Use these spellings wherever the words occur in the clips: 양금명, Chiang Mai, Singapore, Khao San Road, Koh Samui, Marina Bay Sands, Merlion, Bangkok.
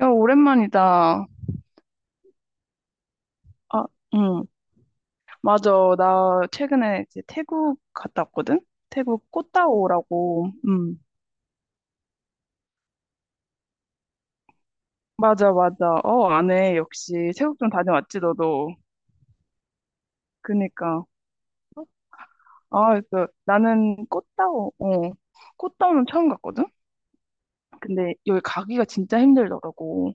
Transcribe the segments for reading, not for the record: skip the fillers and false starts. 야, 오랜만이다. 아, 응. 맞아. 나 최근에 이제 태국 갔다 왔거든? 태국 꽃다오라고. 응. 맞아, 맞아. 어, 아네. 역시. 태국 좀 다녀왔지, 너도. 그니까. 아, 그, 나는 꽃다오, 어. 꽃다오는 처음 갔거든? 근데 여기 가기가 진짜 힘들더라고.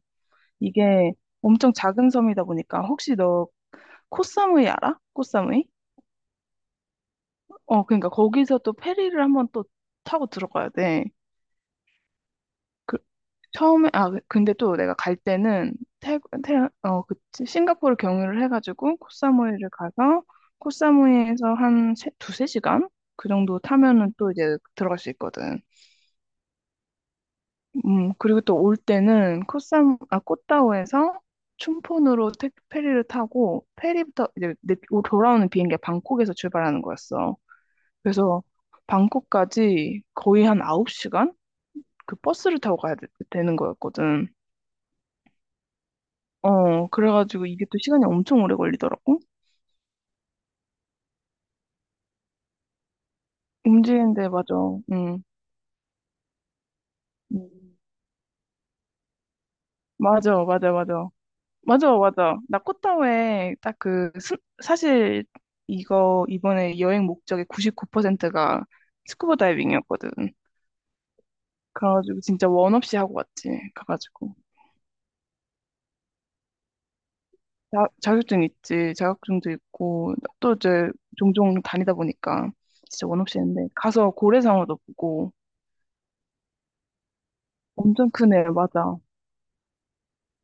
이게 엄청 작은 섬이다 보니까. 혹시 너 코사무이 알아? 코사무이? 어, 그니까 거기서 또 페리를 한번 또 타고 들어가야 돼. 그 처음에 근데 또 내가 갈 때는 태, 태, 어, 그 싱가포르 경유를 해가지고 코사무이를 가서 코사무이에서 한 세, 두세 시간 그 정도 타면은 또 이제 들어갈 수 있거든. 음, 그리고 또 올 때는 코사무 아 꽃다오에서 춘폰으로 페리를 타고 돌아오는 비행기가 방콕에서 출발하는 거였어. 그래서 방콕까지 거의 한 9시간 그 버스를 타고 가야 되는 거였거든. 어, 그래가지고 이게 또 시간이 엄청 오래 걸리더라고. 움직이는데, 맞아. 응. 음. 맞아, 맞아, 맞아. 맞아, 맞아. 나코타오에 딱 그, 사실 이거 이번에 여행 목적의 99%가 스쿠버 다이빙이었거든. 그래가지고 진짜 원 없이 하고 왔지. 가가지고. 자격증 있지. 자격증도 있고. 또 이제 종종 다니다 보니까 진짜 원 없이 했는데. 가서 고래상어도 보고. 엄청 크네. 맞아.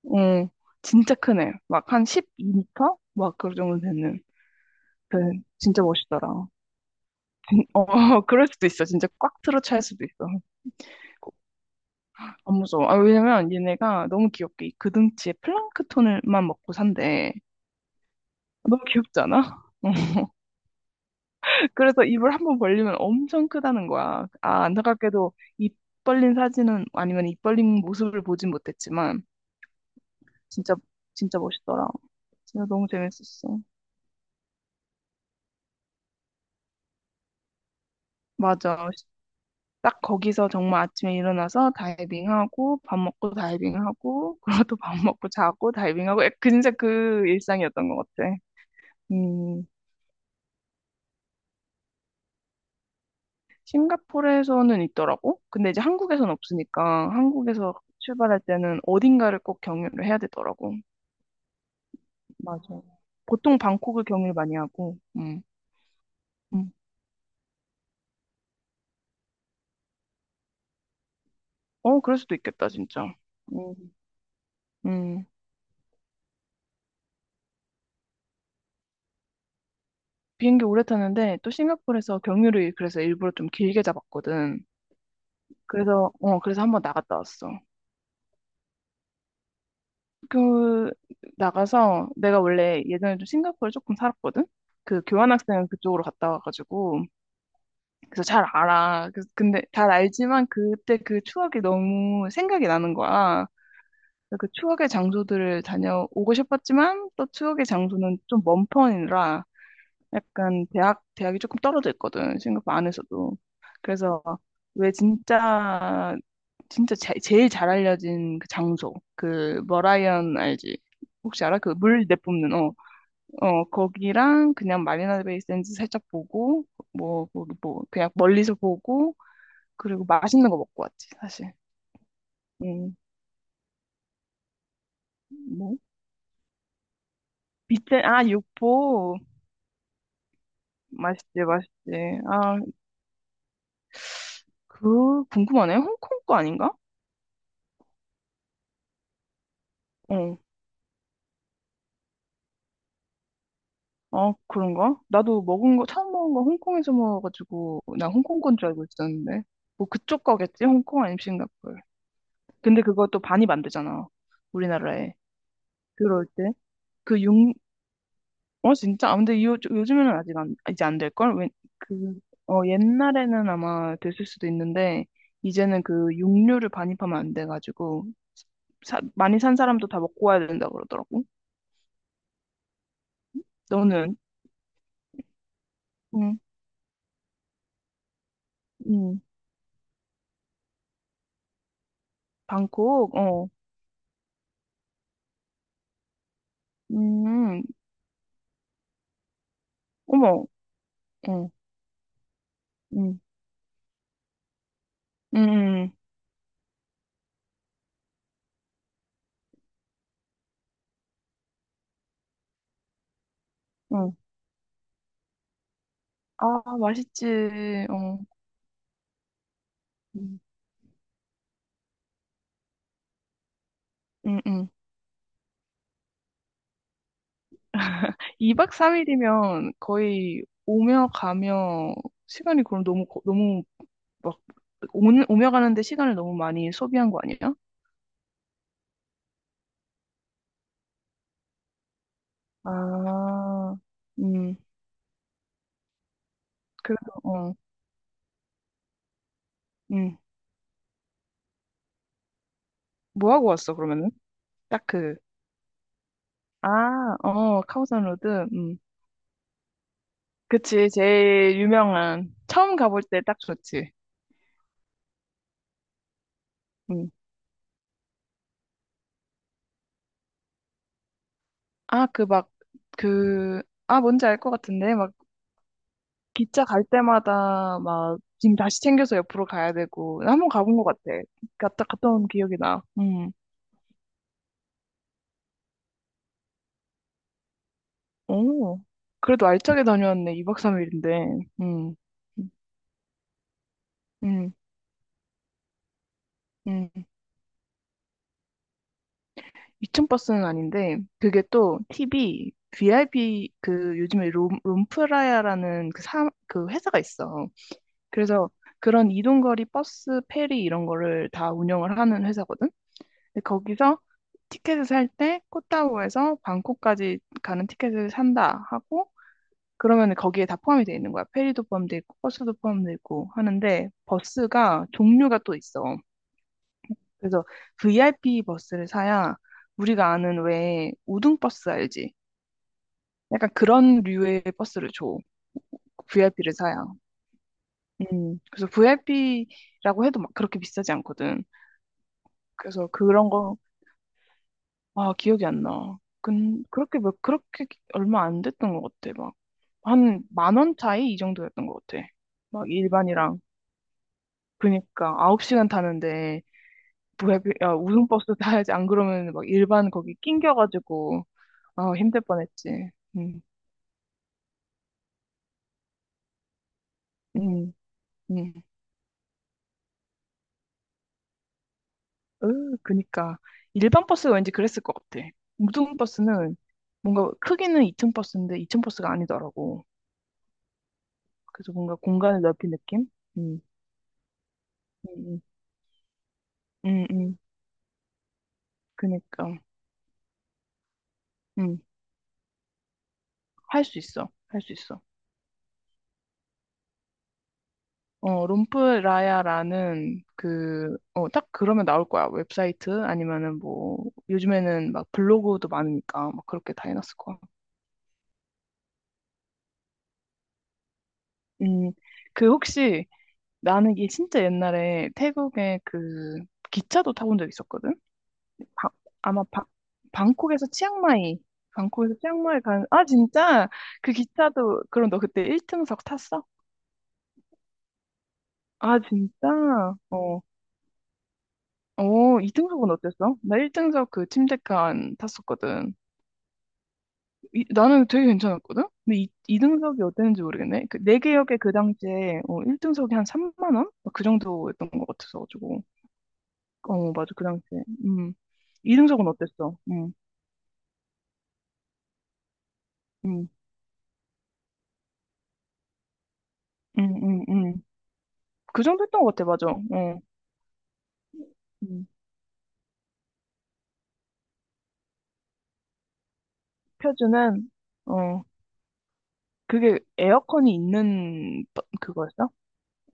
어, 진짜 크네. 막 한 1 2터막 그 정도 되는. 그 진짜 멋있더라. 어, 그럴 수도 있어. 진짜 꽉 틀어 찰 수도 있어. 안 무서워. 아, 왜냐면 얘네가 너무 귀엽게 이 그등치에 플랑크톤을만 먹고 산대. 너무 귀엽지 않아? 그래서 입을 한번 벌리면 엄청 크다는 거야. 아, 안타깝게도 입 벌린 사진은 아니면 입 벌린 모습을 보진 못했지만 진짜 진짜 멋있더라. 진짜 너무 재밌었어. 맞아. 딱 거기서 정말 아침에 일어나서 다이빙하고 밥 먹고 다이빙하고 그러고 또 밥 먹고 자고 다이빙하고 진짜 그 일상이었던 것 같아. 음, 싱가포르에서는 있더라고. 근데 이제 한국에서는 없으니까 한국에서 출발할 때는 어딘가를 꼭 경유를 해야 되더라고. 맞아. 보통 방콕을 경유를 많이 하고. 음. 어, 그럴 수도 있겠다, 진짜. 음, 음. 비행기 오래 타는데 또 싱가포르에서 경유를 그래서 일부러 좀 길게 잡았거든. 그래서 어 그래서 한번 나갔다 왔어. 그 나가서 내가 원래 예전에 좀 싱가포르 조금 살았거든. 그 교환학생 그쪽으로 갔다 와가지고 그래서 잘 알아. 그래서 근데 잘 알지만 그때 그 추억이 너무 생각이 나는 거야. 그래서 그 추억의 장소들을 다녀오고 싶었지만 또 추억의 장소는 좀 먼 편이라 약간 대학이 조금 떨어져 있거든. 싱가포르 안에서도 그래서 왜 진짜 진짜 제일 잘 알려진 그 장소 그 머라이언 알지? 혹시 알아? 그 물 내뿜는 어 어 거기랑 그냥 마리나 베이 샌즈 살짝 보고 뭐, 뭐, 뭐 그냥 멀리서 보고 그리고 맛있는 거 먹고 왔지 사실. 음뭐 비트 아 육포. 맛있지 맛있지. 아, 그 궁금하네. 홍콩 거 아닌가? 어, 어, 그런가? 나도 먹은 거, 처음 먹은 거 홍콩에서 먹어가지고, 나 홍콩 건 줄 알고 있었는데. 뭐 그쪽 거겠지? 홍콩 아니면 싱가포르. 근데 그것도 반입 안 되잖아. 우리나라에. 들어올 때. 그 육, 어, 진짜? 아, 근데 요즘에는 아직 안, 이제 안 될걸? 왜, 그, 어, 옛날에는 아마 됐을 수도 있는데, 이제는 그 육류를 반입하면 안 돼가지고, 많이 산 사람도 다 먹고 와야 된다 그러더라고. 너는? 응, 응. 방콕, 어, 음, 음. 어머. 어. 응, 응, 응. 응. 응. 아, 맛있지. 어, 음. 응, 응. 2박 3일이면 거의 오며 가며 시간이 그럼 너무, 너무 막 오 오며 가는데 시간을 너무 많이 소비한 거 아니야? 아, 음, 그래도, 어, 음. 뭐 하고 왔어, 그러면은? 딱 그, 아, 어, 카오산 로드, 그치, 제일 유명한. 처음 가볼 때 딱 좋지. 음. 아, 그 막, 그, 아, 뭔지 알 것 같은데? 기차 갈 때마다 막 짐 다시 챙겨서 옆으로 가야 되고 한 번 가본 것 같아. 갔다 갔다 온 기억이 나. 음. 오. 그래도 알차게 다녀왔네. 2박 3일인데. 음. 음. 음. 이층 버스는 아닌데 그게 또 팁이 VIP, 그 요즘에 롬프라야라는 그 회사가 있어. 그래서 그런 이동거리 버스, 페리 이런 거를 다 운영을 하는 회사거든. 근데 거기서 티켓을 살 때 코타우에서 방콕까지 가는 티켓을 산다 하고, 그러면 거기에 다 포함이 돼 있는 거야. 페리도 포함돼 있고 버스도 포함돼 있고 하는데, 버스가 종류가 또 있어. 그래서 VIP 버스를 사야 우리가 아는 왜 우등 버스 알지? 약간 그런 류의 버스를 줘. VIP를 사야. 그래서 VIP라고 해도 막 그렇게 비싸지 않거든. 그래서 그런 거 아, 기억이 안 나. 근 그렇게 몇 그렇게 얼마 안 됐던 것 같아. 막 한 만원 차이 이 정도였던 것 같아. 막 일반이랑 그니까 9시간 타는데, 뭐야 야, 우등버스 타야지 안 그러면 막 일반 거기 낑겨가지고 아 힘들 뻔했지. 음, 음, 음. 으, 그니까 일반 버스가 왠지 그랬을 것 같아. 우등버스는 뭔가 크기는 2층 버스인데 2층 버스가 아니더라고. 그래서 뭔가 공간을 넓힌 느낌? 음, 음, 음. 그니까. 응, 할 수 있어. 할 수 있어. 어, 롬프라야라는 그, 어, 딱 그러면 나올 거야. 웹사이트 아니면은 뭐, 요즘에는 막 블로그도 많으니까 막 그렇게 다 해놨을 거야. 음, 그 혹시 나는 이게 진짜 옛날에 태국에 그 기차도 타본 적 있었거든? 바- 아마 바, 방콕에서 치앙마이, 방콕에서 치앙마이 간, 아, 진짜? 그 기차도, 그럼 너 그때 1등석 탔어? 아, 진짜? 어. 오, 2등석은 어땠어? 나 1등석 그 침대칸 탔었거든. 나는 되게 괜찮았거든? 근데 이, 2등석이 어땠는지 모르겠네. 그, 개역에 그 당시에, 어, 1등석이 한 3만 원? 그 정도였던 것 같아서가지고. 어, 맞아, 그 당시에. 음. 2등석은 어땠어? 음, 음, 음, 음. 그 정도 했던 것 같아, 맞아. 어, 음. 표준은, 어, 그게 에어컨이 있는 그거였어?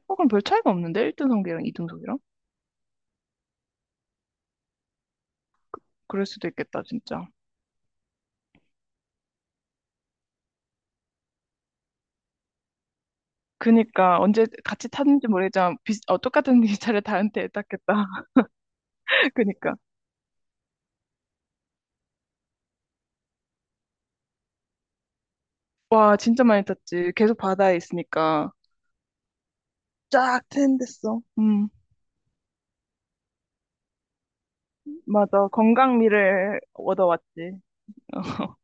어, 그럼 별 차이가 없는데? 1등석이랑 2등석이랑? 그럴 수도 있겠다, 진짜. 그니까 언제 같이 탔는지 모르겠지만 비슷, 어, 똑같은 기차를 다른 데 탔겠다. 그니까 와 진짜 많이 탔지. 계속 바다에 있으니까 쫙 트인댔어. 음, 맞아, 건강미를 얻어왔지.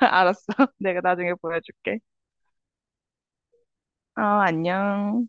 알았어. 내가 나중에 보여줄게. 아, 안녕.